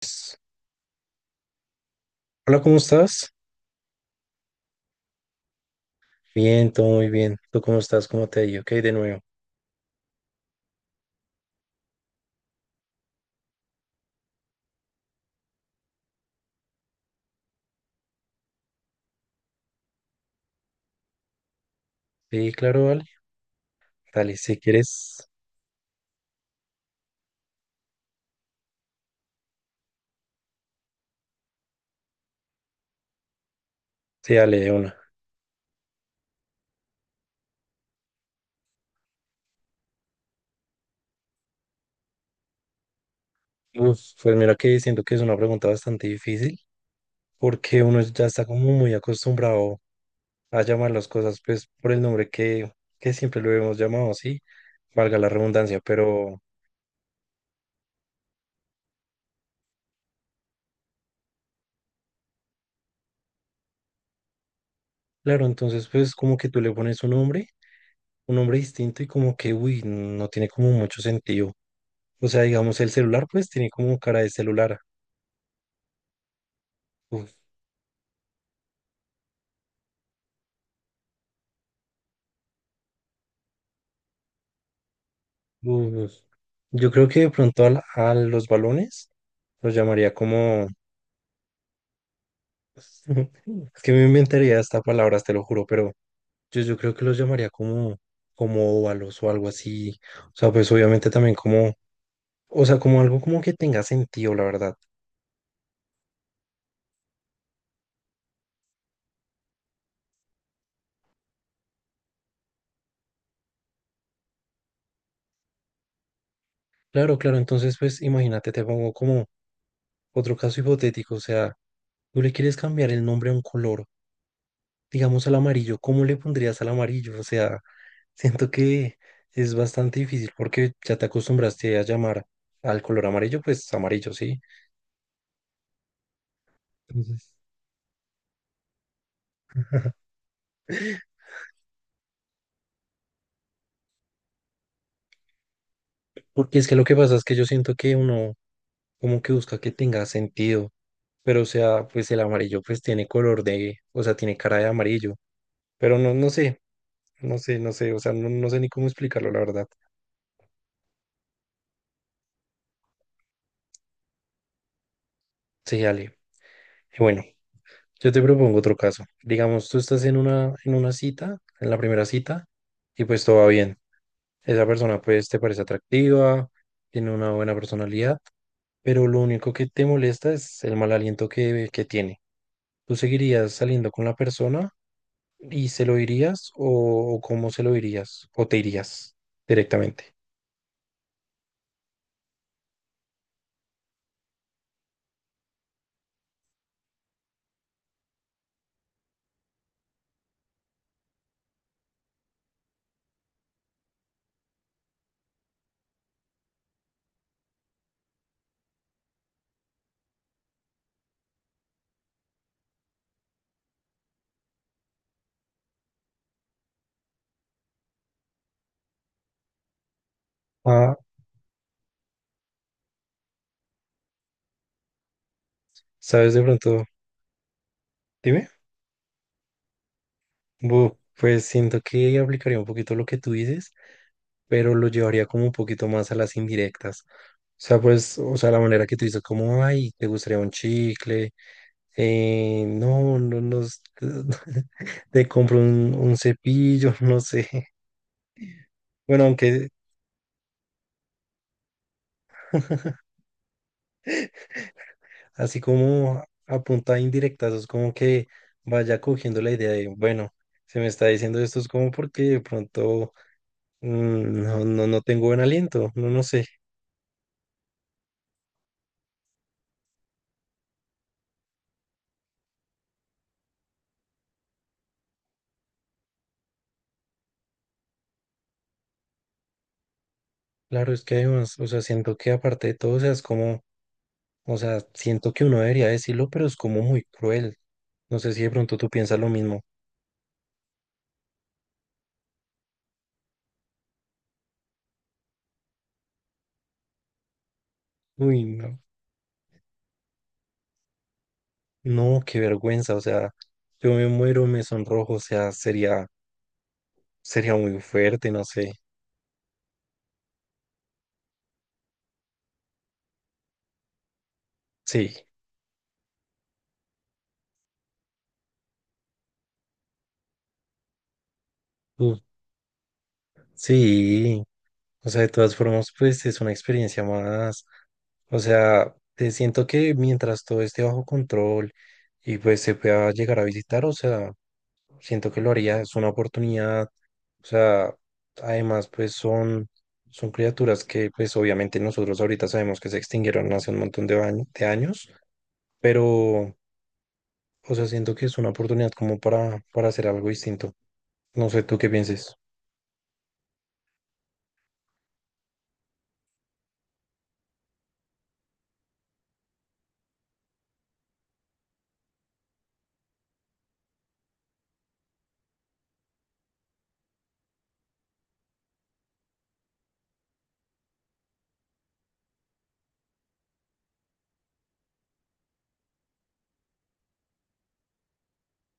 Pues, hola, ¿cómo estás? Bien, todo muy bien. ¿Tú cómo estás? ¿Cómo te ha ido? Ok, de nuevo. Sí, claro, vale. Dale, si quieres, sí, dale de una. Uf, pues mira que siento que es una pregunta bastante difícil porque uno ya está como muy acostumbrado a llamar las cosas pues por el nombre que siempre lo hemos llamado, sí, valga la redundancia, pero claro. Entonces pues como que tú le pones un nombre distinto y como que, uy, no tiene como mucho sentido. O sea, digamos, el celular pues tiene como cara de celular. Uf, yo creo que de pronto a los balones los llamaría como... Es que me inventaría esta palabra, te lo juro, pero yo creo que los llamaría como, como óvalos o algo así. O sea, pues obviamente también como... O sea, como algo como que tenga sentido, la verdad. Claro, claro, entonces pues imagínate, te pongo como otro caso hipotético. O sea, tú le quieres cambiar el nombre a un color. Digamos al amarillo, ¿cómo le pondrías al amarillo? O sea, siento que es bastante difícil porque ya te acostumbraste a llamar al color amarillo, pues amarillo, ¿sí? Entonces, porque es que lo que pasa es que yo siento que uno como que busca que tenga sentido, pero o sea, pues el amarillo pues tiene color de, o sea, tiene cara de amarillo, pero no, no sé, no sé, no sé, o sea, no, no sé ni cómo explicarlo, la verdad. Sí, Ale. Bueno, yo te propongo otro caso. Digamos, tú estás en una, cita, en la primera cita, y pues todo va bien. Esa persona pues te parece atractiva, tiene una buena personalidad, pero lo único que te molesta es el mal aliento que tiene. ¿Tú seguirías saliendo con la persona y se lo dirías o cómo se lo dirías? ¿O te irías directamente? Ah, ¿sabes de pronto? Dime. Pues siento que aplicaría un poquito lo que tú dices, pero lo llevaría como un poquito más a las indirectas. Sea, pues, o sea, la manera que tú dices, como, ay, te gustaría un chicle, no, no, no, te compro un cepillo, no sé. Bueno, aunque así como a punta indirecta, eso es como que vaya cogiendo la idea de, bueno, se me está diciendo esto es como porque de pronto no, no, no tengo buen aliento, no, no sé. Claro, es que además, o sea, siento que aparte de todo, o sea, es como... O sea, siento que uno debería decirlo, pero es como muy cruel. No sé si de pronto tú piensas lo mismo. Uy, no. No, qué vergüenza. O sea, yo me muero, me sonrojo. O sea, sería, sería muy fuerte, no sé. Sí. Uh, Sí. O sea, de todas formas, pues es una experiencia más. O sea, te siento que mientras todo esté bajo control y pues se pueda llegar a visitar, o sea. Siento que lo haría, es una oportunidad. O sea, además, pues son criaturas que, pues obviamente nosotros ahorita sabemos que se extinguieron hace un montón de años, pero, o sea, siento que es una oportunidad como para hacer algo distinto. No sé tú qué pienses.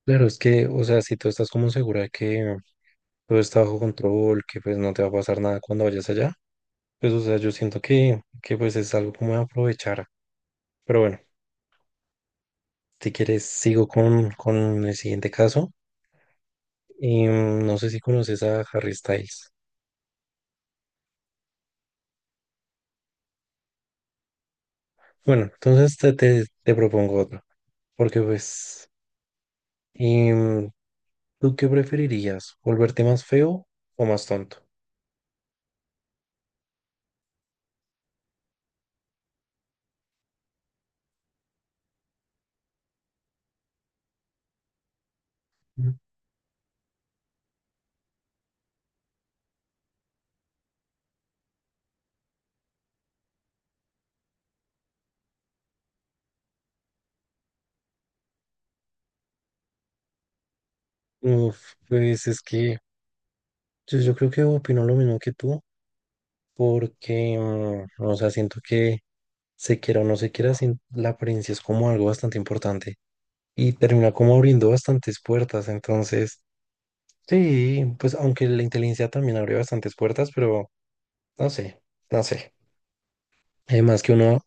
Claro, es que, o sea, si tú estás como segura de que todo está bajo control, que pues no te va a pasar nada cuando vayas allá, pues, o sea, yo siento que pues es algo como de aprovechar. Pero bueno, si quieres, sigo con el siguiente caso. Y no sé si conoces a Harry Styles. Bueno, entonces te propongo otro. Porque pues, y, ¿tú qué preferirías? ¿Volverte más feo o más tonto? Mm. Uf, pues es que yo creo que opino lo mismo que tú. Porque, o sea, siento que se quiera o no se quiera, la apariencia es como algo bastante importante. Y termina como abriendo bastantes puertas. Entonces, sí, pues aunque la inteligencia también abre bastantes puertas, pero no sé, no sé. Además que uno,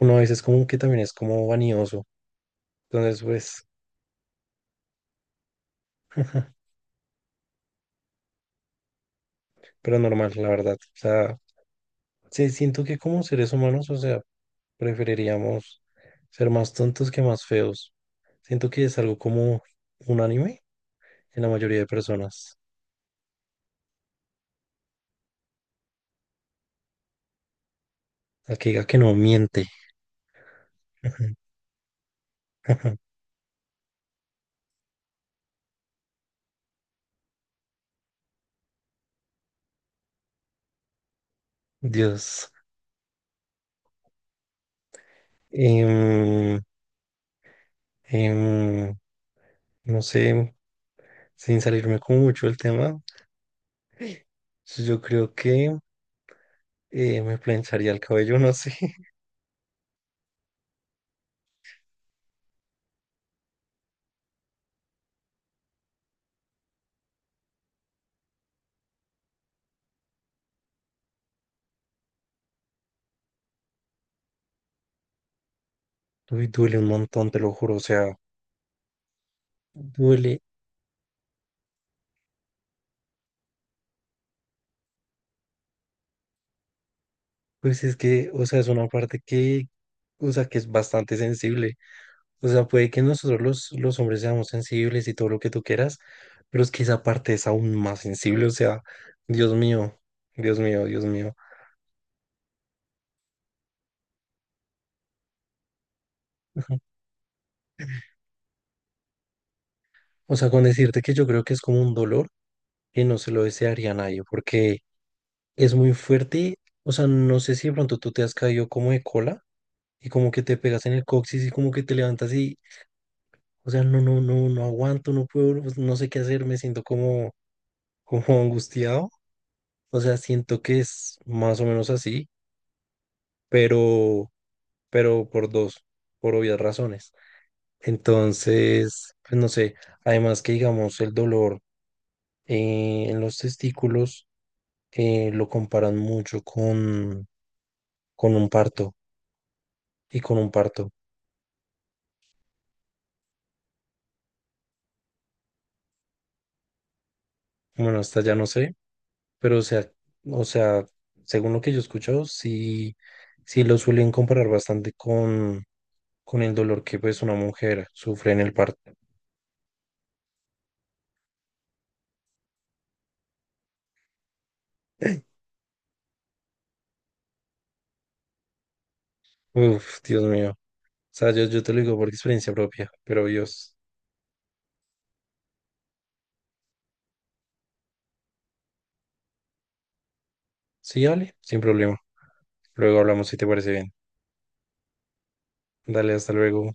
uno a veces como que también es como vanidoso. Entonces, pues, pero normal, la verdad. O sea, sí, siento que como seres humanos, o sea, preferiríamos ser más tontos que más feos. Siento que es algo como unánime en la mayoría de personas. La que diga que no miente, Dios. Em, em, no sé, sin salirme como mucho del tema, yo creo que me plancharía el cabello, no sé. Uy, duele un montón, te lo juro. O sea, duele. Pues es que, o sea, es una parte que, o sea, que es bastante sensible. O sea, puede que nosotros los hombres seamos sensibles y todo lo que tú quieras, pero es que esa parte es aún más sensible. O sea, Dios mío, Dios mío, Dios mío. O sea, con decirte que yo creo que es como un dolor que no se lo desearía a nadie, porque es muy fuerte. O sea, no sé si de pronto tú te has caído como de cola y como que te pegas en el coxis y como que te levantas y, o sea, no, no, no, no aguanto, no puedo, pues, no sé qué hacer, me siento como angustiado. O sea, siento que es más o menos así, pero, pero, por dos, por obvias razones. Entonces, pues no sé, además que digamos el dolor en los testículos lo comparan mucho con un parto y con un parto. Bueno, hasta ya no sé, pero o sea, según lo que yo he escuchado, sí, sí lo suelen comparar bastante con el dolor que pues una mujer sufre en el parto. Uf, Dios mío. O sea, yo te lo digo por experiencia propia, pero Dios. Sí, dale, sin problema. Luego hablamos si te parece bien. Dale, hasta luego.